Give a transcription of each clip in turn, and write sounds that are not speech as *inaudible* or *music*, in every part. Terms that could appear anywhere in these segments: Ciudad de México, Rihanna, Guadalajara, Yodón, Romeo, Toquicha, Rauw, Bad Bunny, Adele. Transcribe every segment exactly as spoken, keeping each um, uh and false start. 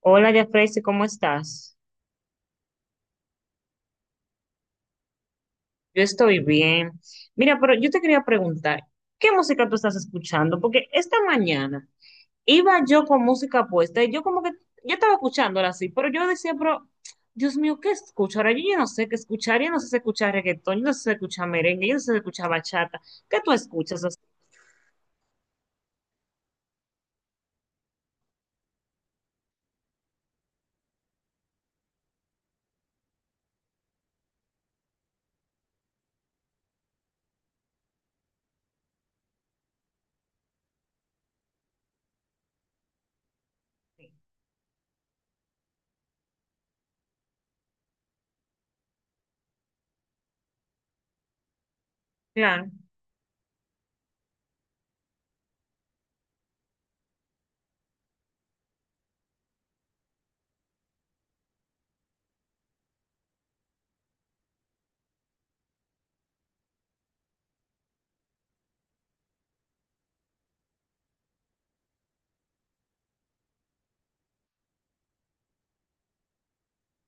Hola, Jafrey, ¿cómo estás? Yo estoy bien. Mira, pero yo te quería preguntar, ¿qué música tú estás escuchando? Porque esta mañana iba yo con música puesta y yo como que, yo estaba escuchándola así, pero yo decía, pero, Dios mío, ¿qué escucho? Ahora yo ya no sé qué escuchar, yo no sé si escuchar reggaetón, yo no sé si escuchar merengue, yo no sé si escuchar bachata. ¿Qué tú escuchas? O sea, claro.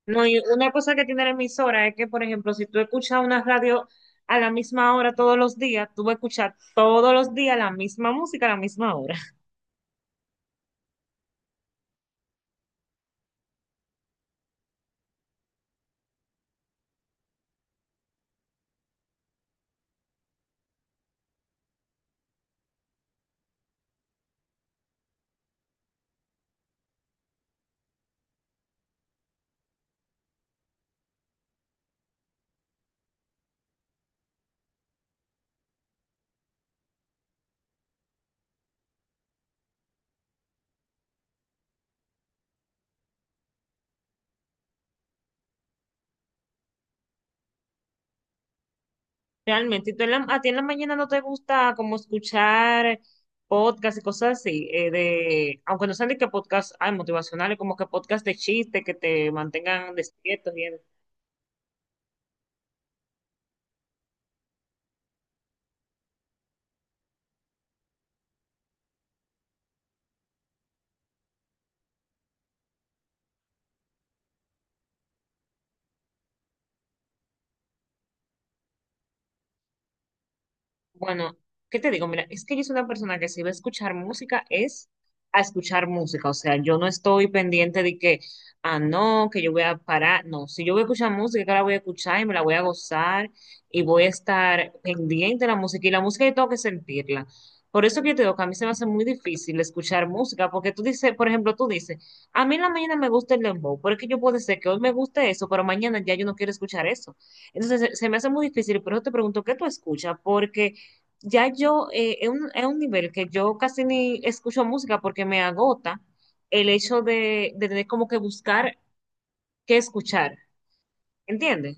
No, y una cosa que tiene la emisora es que, por ejemplo, si tú escuchas una radio a la misma hora todos los días, tú vas a escuchar todos los días la misma música a la misma hora. Realmente, y tú en la- a ti en la mañana no te gusta como escuchar podcast y cosas así, eh, de, aunque no sean de qué podcast hay motivacionales, como que podcast de chiste que te mantengan despiertos y bueno, ¿qué te digo? Mira, es que yo soy una persona que si va a escuchar música es a escuchar música. O sea, yo no estoy pendiente de que, ah, no, que yo voy a parar. No, si yo voy a escuchar música, que la voy a escuchar y me la voy a gozar y voy a estar pendiente de la música. Y la música yo tengo que sentirla. Por eso que yo te digo que a mí se me hace muy difícil escuchar música, porque tú dices, por ejemplo, tú dices, a mí en la mañana me gusta el dembow, porque yo puedo decir que hoy me guste eso, pero mañana ya yo no quiero escuchar eso. Entonces se, se me hace muy difícil, por eso te pregunto, ¿qué tú escuchas? Porque ya yo, eh, es un, es un nivel que yo casi ni escucho música porque me agota el hecho de, de tener como que buscar qué escuchar, ¿entiendes?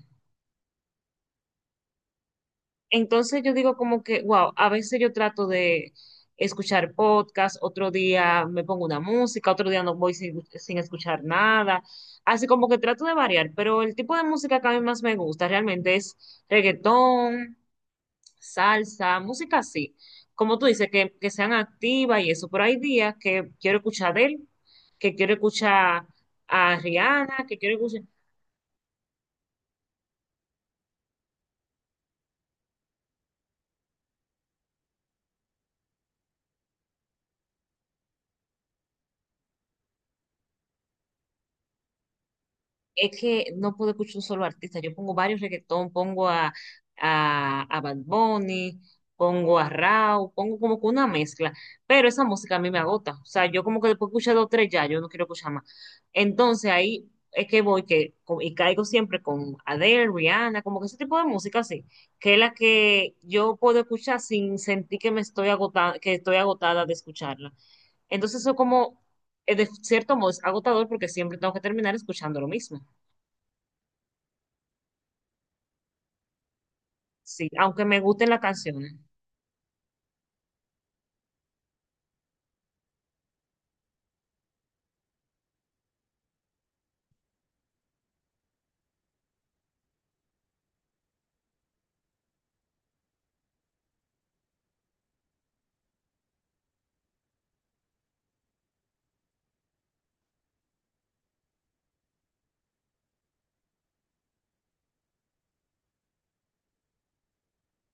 Entonces yo digo como que, wow, a veces yo trato de escuchar podcast, otro día me pongo una música, otro día no voy sin, sin escuchar nada, así como que trato de variar, pero el tipo de música que a mí más me gusta realmente es reggaetón, salsa, música así. Como tú dices, que, que sean activas y eso. Pero hay días que quiero escuchar a él, que quiero escuchar a Rihanna, que quiero escuchar. Es que no puedo escuchar un solo artista. Yo pongo varios reggaetón, pongo a, a, a Bad Bunny, pongo a Rauw, pongo como que una mezcla. Pero esa música a mí me agota. O sea, yo como que después escucho dos o tres ya, yo no quiero escuchar más. Entonces ahí es que voy que, co- y caigo siempre con Adele, Rihanna, como que ese tipo de música así, que es la que yo puedo escuchar sin sentir que me estoy agotada, que estoy agotada de escucharla. Entonces eso como, eh, de cierto modo, es agotador porque siempre tengo que terminar escuchando lo mismo. Sí, aunque me gusten las canciones.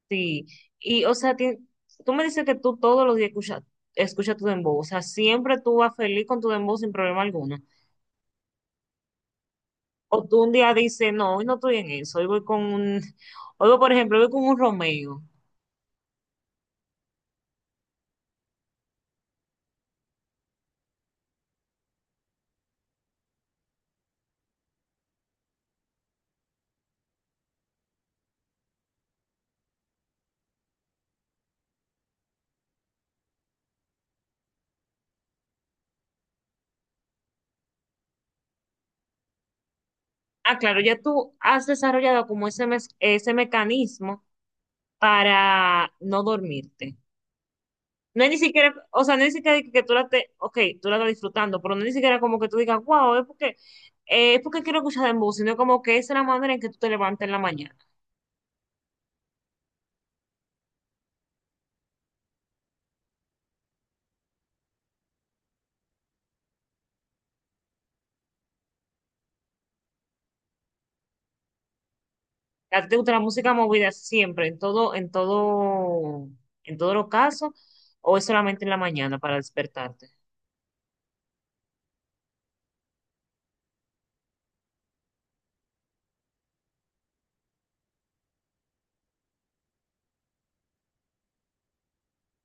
Sí. Y, o sea, ti- tú me dices que tú todos los días escuchas escucha tu dembow. O sea, siempre tú vas feliz con tu dembow sin problema alguno. O tú un día dices, no, hoy no estoy en eso. Hoy voy con un. *laughs* Hoy voy, por ejemplo, hoy voy con un Romeo. Ah, claro, ya tú has desarrollado como ese, mes- ese mecanismo para no dormirte. No es ni siquiera, o sea, no es ni siquiera que, que tú la te, ok, tú la estás disfrutando, pero no es ni siquiera como que tú digas, wow, es porque, eh, es porque quiero escuchar de música, sino como que esa es la manera en que tú te levantas en la mañana. A ti te gusta la música movida siempre, en todo, en todo, en todos los casos, o es solamente en la mañana para despertarte.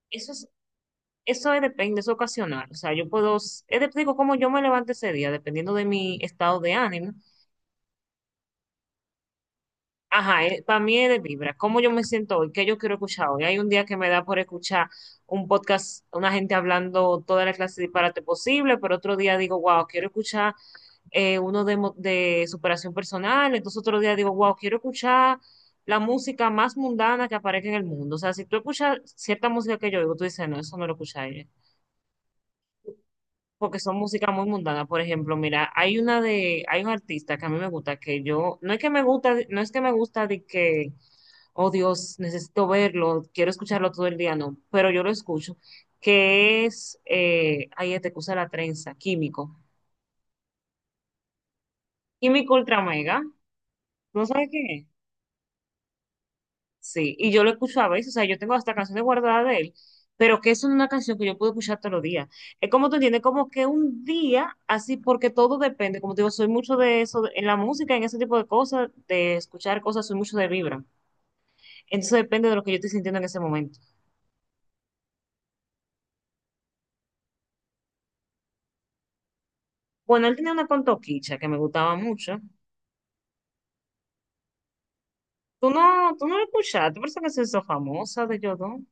Eso es, eso es- depende, es ocasional. O sea, yo puedo, es de- digo, como yo me levante ese día, dependiendo de mi estado de ánimo. Ajá, para mí es de vibra. ¿Cómo yo me siento hoy? ¿Qué yo quiero escuchar hoy? Hay un día que me da por escuchar un podcast, una gente hablando toda la clase de disparate posible, pero otro día digo, wow, quiero escuchar eh, uno de, mo- de superación personal. Entonces otro día digo, wow, quiero escuchar la música más mundana que aparezca en el mundo. O sea, si tú escuchas cierta música que yo oigo, tú dices, no, eso no lo escucha ella. Porque son música muy mundana. Por ejemplo, mira, hay una de, hay un artista que a mí me gusta, que yo, no es que me gusta, no es que me gusta de que oh Dios, necesito verlo, quiero escucharlo todo el día, no, pero yo lo escucho, que es, eh, ahí te usa la trenza, químico, químico ultra mega, ¿no sabes qué es? Sí, y yo lo escucho a veces, o sea, yo tengo hasta canciones guardadas de él, pero que es una canción que yo puedo escuchar todos los días. Es como tú entiendes, como que un día, así, porque todo depende, como te digo, soy mucho de eso, de- en la música, en ese tipo de cosas, de escuchar cosas, soy mucho de vibra. Entonces depende de lo que yo estoy sintiendo en ese momento. Bueno, él tenía una con Toquicha que me gustaba mucho. Tú no, tú no lo escuchaste, por eso que se hizo famosa de Yodón.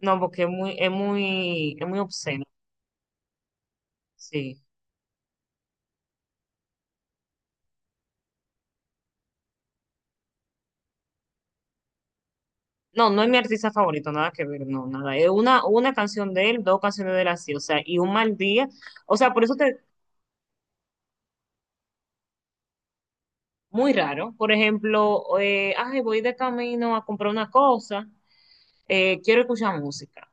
No, porque es muy, es muy, es muy obsceno, sí. No, no es mi artista favorito, nada que ver, no, nada. Es una, una canción de él, dos canciones de él así, o sea, y un mal día. O sea, por eso te, muy raro. Por ejemplo, eh, ay, voy de camino a comprar una cosa. eh, quiero escuchar música.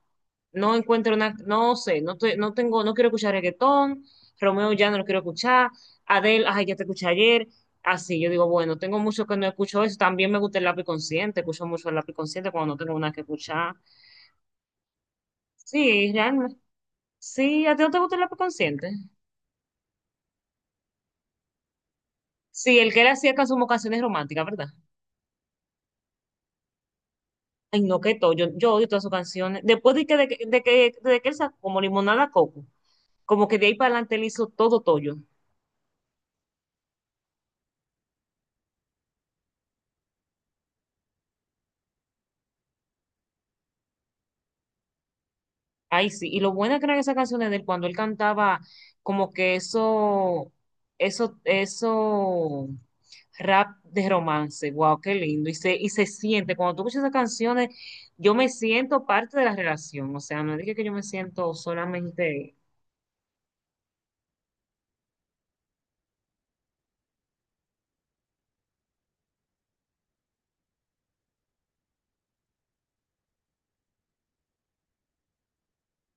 No encuentro una, no sé, no, te- no tengo, no quiero escuchar reggaetón, Romeo ya no lo quiero escuchar, Adele, ay, ya te escuché ayer, así, yo digo, bueno, tengo mucho que no escucho eso, también me gusta el lápiz consciente, escucho mucho el lápiz consciente cuando no tengo nada que escuchar. Sí, realmente, sí, ¿a ti no te gusta el lápiz consciente? Sí, el que él hacía can- como canciones románticas, ¿verdad? Ay, no, que todo, yo, yo odio todas sus canciones. Después de que, de, que, de que de que él sacó como Limonada Coco, como que de ahí para adelante él hizo todo todo ay, sí, y lo buena que eran esas canciones de él cuando él cantaba como que eso, eso, eso rap de romance, wow, qué lindo. Y se, y se siente, cuando tú escuchas esas canciones, yo me siento parte de la relación. O sea, no dije que yo me siento solamente,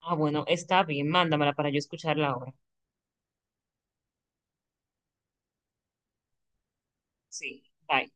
ah, bueno, está bien, mándamela para yo escucharla ahora. Sí, bye.